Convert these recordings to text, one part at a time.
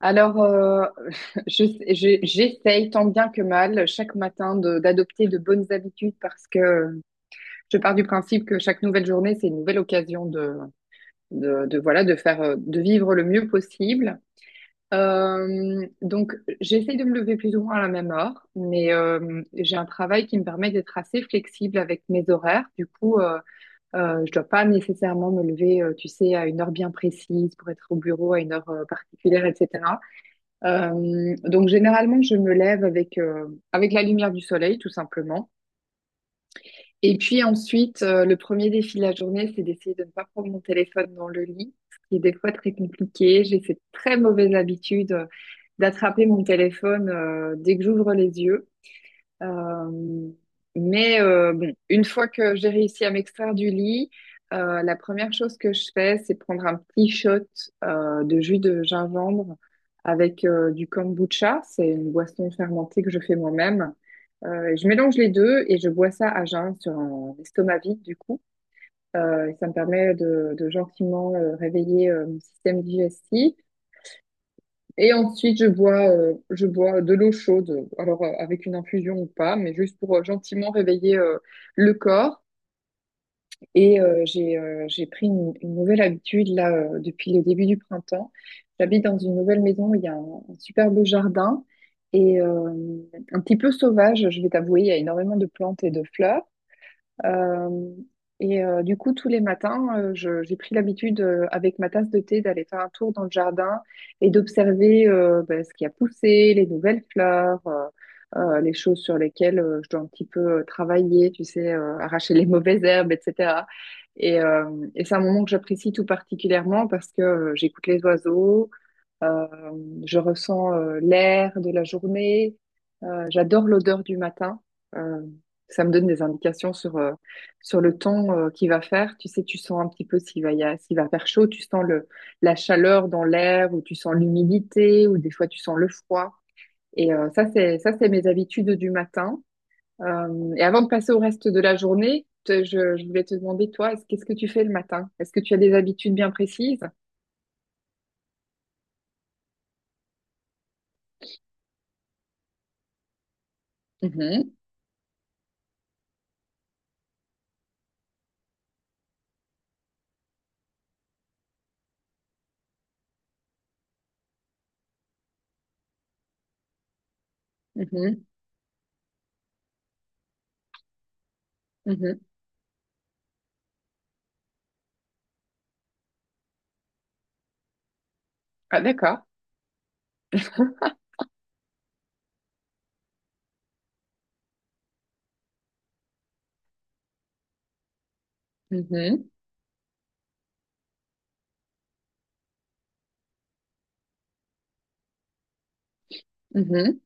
Alors, euh, je, j'essaye tant bien que mal chaque matin d'adopter de bonnes habitudes parce que je pars du principe que chaque nouvelle journée, c'est une nouvelle occasion voilà, de faire, de vivre le mieux possible. Donc, j'essaye de me lever plus ou moins à la même heure, mais j'ai un travail qui me permet d'être assez flexible avec mes horaires. Du coup, je dois pas nécessairement me lever, tu sais, à une heure bien précise pour être au bureau à une heure particulière, etc. Donc généralement, je me lève avec, avec la lumière du soleil, tout simplement. Et puis ensuite, le premier défi de la journée, c'est d'essayer de ne pas prendre mon téléphone dans le lit, ce qui est des fois très compliqué. J'ai cette très mauvaise habitude d'attraper mon téléphone dès que j'ouvre les yeux. Euh, mais bon, une fois que j'ai réussi à m'extraire du lit, la première chose que je fais, c'est prendre un petit shot de jus de gingembre avec du kombucha. C'est une boisson fermentée que je fais moi-même. Je mélange les deux et je bois ça à jeun sur un estomac vide, du coup. Et ça me permet de gentiment réveiller mon système digestif. Et ensuite, je bois de l'eau chaude, alors avec une infusion ou pas, mais juste pour gentiment réveiller le corps. Et j'ai pris une nouvelle habitude là depuis le début du printemps. J'habite dans une nouvelle maison, où il y a un super beau jardin et un petit peu sauvage, je vais t'avouer, il y a énormément de plantes et de fleurs. Euh, du coup, tous les matins, j'ai pris l'habitude, avec ma tasse de thé, d'aller faire un tour dans le jardin et d'observer ben, ce qui a poussé, les nouvelles fleurs, les choses sur lesquelles je dois un petit peu travailler, tu sais, arracher les mauvaises herbes, etc. Et, euh, et c'est un moment que j'apprécie tout particulièrement parce que j'écoute les oiseaux, euh, je ressens l'air de la journée. J'adore l'odeur du matin. Euh, ça me donne des indications sur, sur le temps qu'il va faire. Tu sais, tu sens un petit peu s'il va faire chaud. Tu sens la chaleur dans l'air ou tu sens l'humidité ou des fois tu sens le froid. Ça, c'est mes habitudes du matin. Et avant de passer au reste de la journée, je voulais te demander, toi, qu'est-ce que tu fais le matin? Est-ce que tu as des habitudes bien précises? Mhm, mhm, mhm. Ah, d'accord. Mhm, mhm.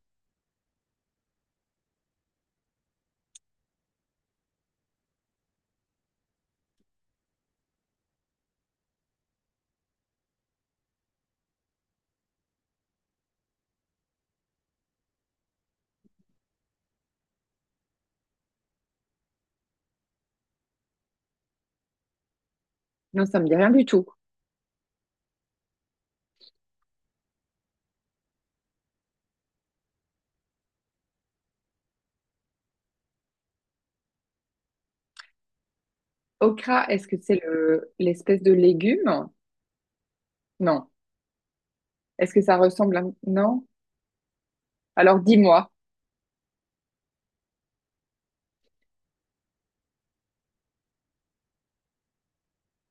Non, ça me dit rien du tout. Okra, est-ce que c'est le l'espèce de légume? Non. Est-ce que ça ressemble à... Non. Alors dis-moi.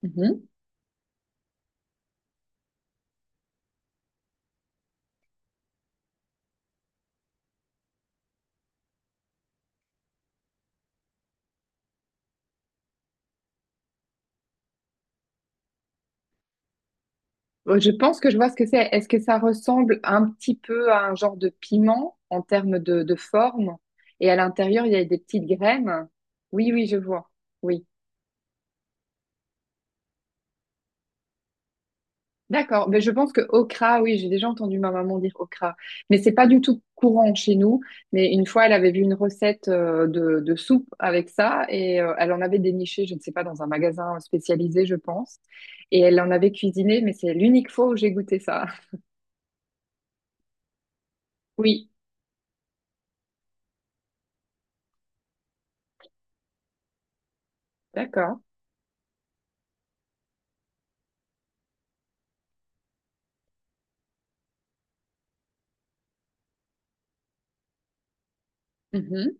Mhm. Je pense que je vois ce que c'est. Est-ce que ça ressemble un petit peu à un genre de piment en termes de forme? Et à l'intérieur, il y a des petites graines. Oui, oui, je vois. Oui. D'accord, mais je pense que okra, oui, j'ai déjà entendu ma maman dire okra, mais c'est pas du tout courant chez nous. Mais une fois, elle avait vu une recette de soupe avec ça et elle en avait déniché, je ne sais pas, dans un magasin spécialisé, je pense, et elle en avait cuisiné, mais c'est l'unique fois où j'ai goûté ça. Oui, d'accord. Mhm.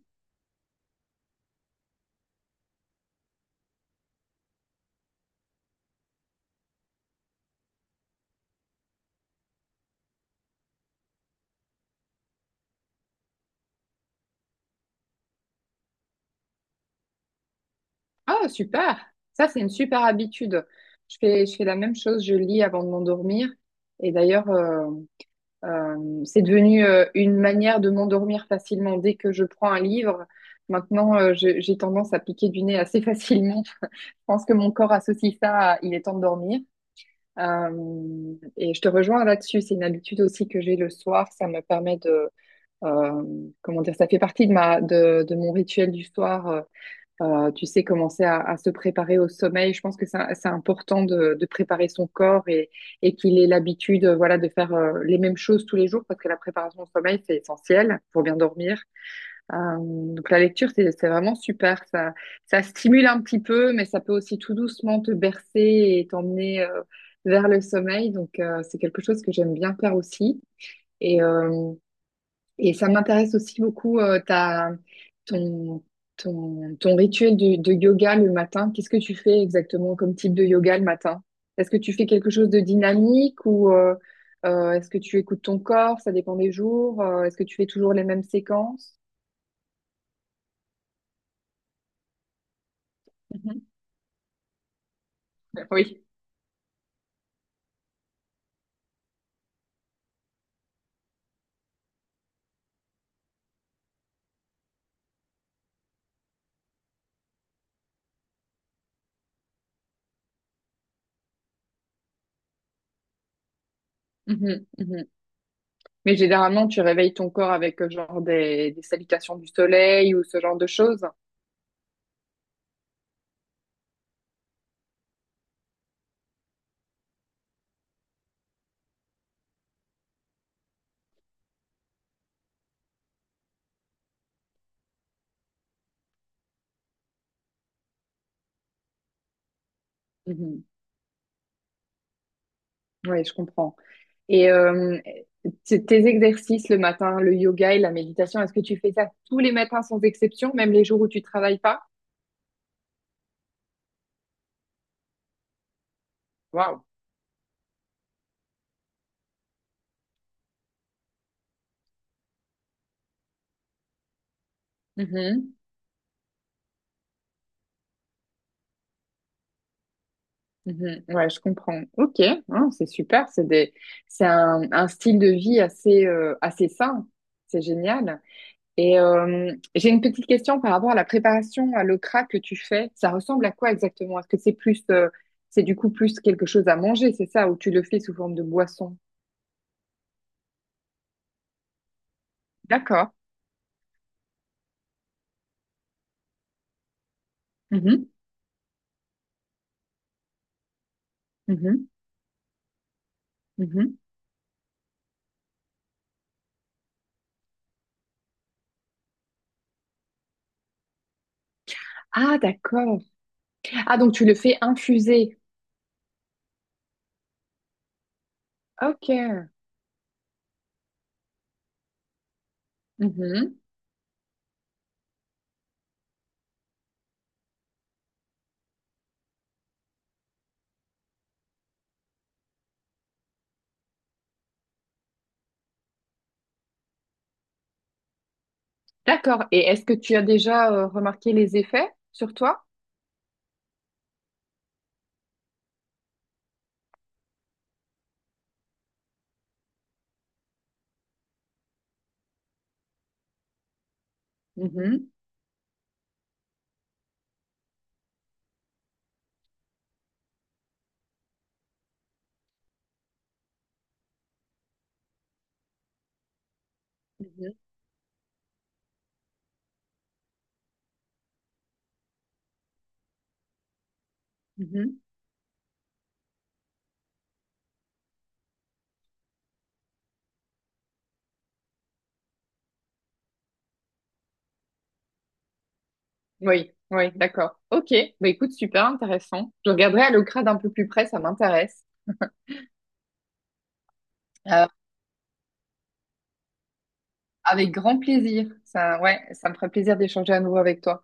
Ah, super. Ça, c'est une super habitude. Je fais la même chose, je lis avant de m'endormir. Et d'ailleurs, c'est devenu une manière de m'endormir facilement. Dès que je prends un livre, maintenant, j'ai tendance à piquer du nez assez facilement. Je pense que mon corps associe ça à il est temps de dormir. Et je te rejoins là-dessus. C'est une habitude aussi que j'ai le soir. Ça me permet de, euh, comment dire, ça fait partie de de mon rituel du soir. Tu sais, commencer à se préparer au sommeil. Je pense que c'est important de préparer son corps et qu'il ait l'habitude, voilà, de faire les mêmes choses tous les jours parce que la préparation au sommeil, c'est essentiel pour bien dormir. Donc la lecture, c'est vraiment super. Ça stimule un petit peu, mais ça peut aussi tout doucement te bercer et t'emmener vers le sommeil. Donc c'est quelque chose que j'aime bien faire aussi. Et, euh, et ça m'intéresse aussi beaucoup ton, ton rituel de yoga le matin. Qu'est-ce que tu fais exactement comme type de yoga le matin? Est-ce que tu fais quelque chose de dynamique ou est-ce que tu écoutes ton corps? Ça dépend des jours. Est-ce que tu fais toujours les mêmes séquences? Mhm. Oui. Mhm, mhm. Mais généralement, tu réveilles ton corps avec genre des salutations du soleil ou ce genre de choses. Oui, je comprends. Et tes exercices le matin, le yoga et la méditation, est-ce que tu fais ça tous les matins sans exception, même les jours où tu travailles pas? Waouh. Mhm. Mhm. Ouais, je comprends. Ok, ah, c'est super. C'est un style de vie assez, assez sain. C'est génial. Et j'ai une petite question par rapport à la préparation à l'okra que tu fais. Ça ressemble à quoi exactement? Est-ce que c'est plus, c'est du coup plus quelque chose à manger, c'est ça, ou tu le fais sous forme de boisson? D'accord. Mhm. Mhm. Mhm. Ah, d'accord. Ah, donc tu le fais infuser. Ok. Mhm. D'accord. Et est-ce que tu as déjà remarqué les effets sur toi? Mhm. Mhm. Mhm. Oui, oui, d'accord. Ok. Bah, écoute, super intéressant. Je regarderai à l'ocra d'un peu plus près, ça m'intéresse. Euh, avec grand plaisir. Ça, ouais, ça me ferait plaisir d'échanger à nouveau avec toi.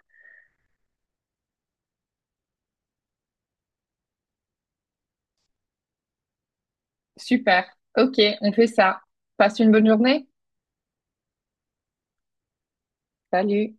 Super. Ok, on fait ça. Passe une bonne journée. Salut.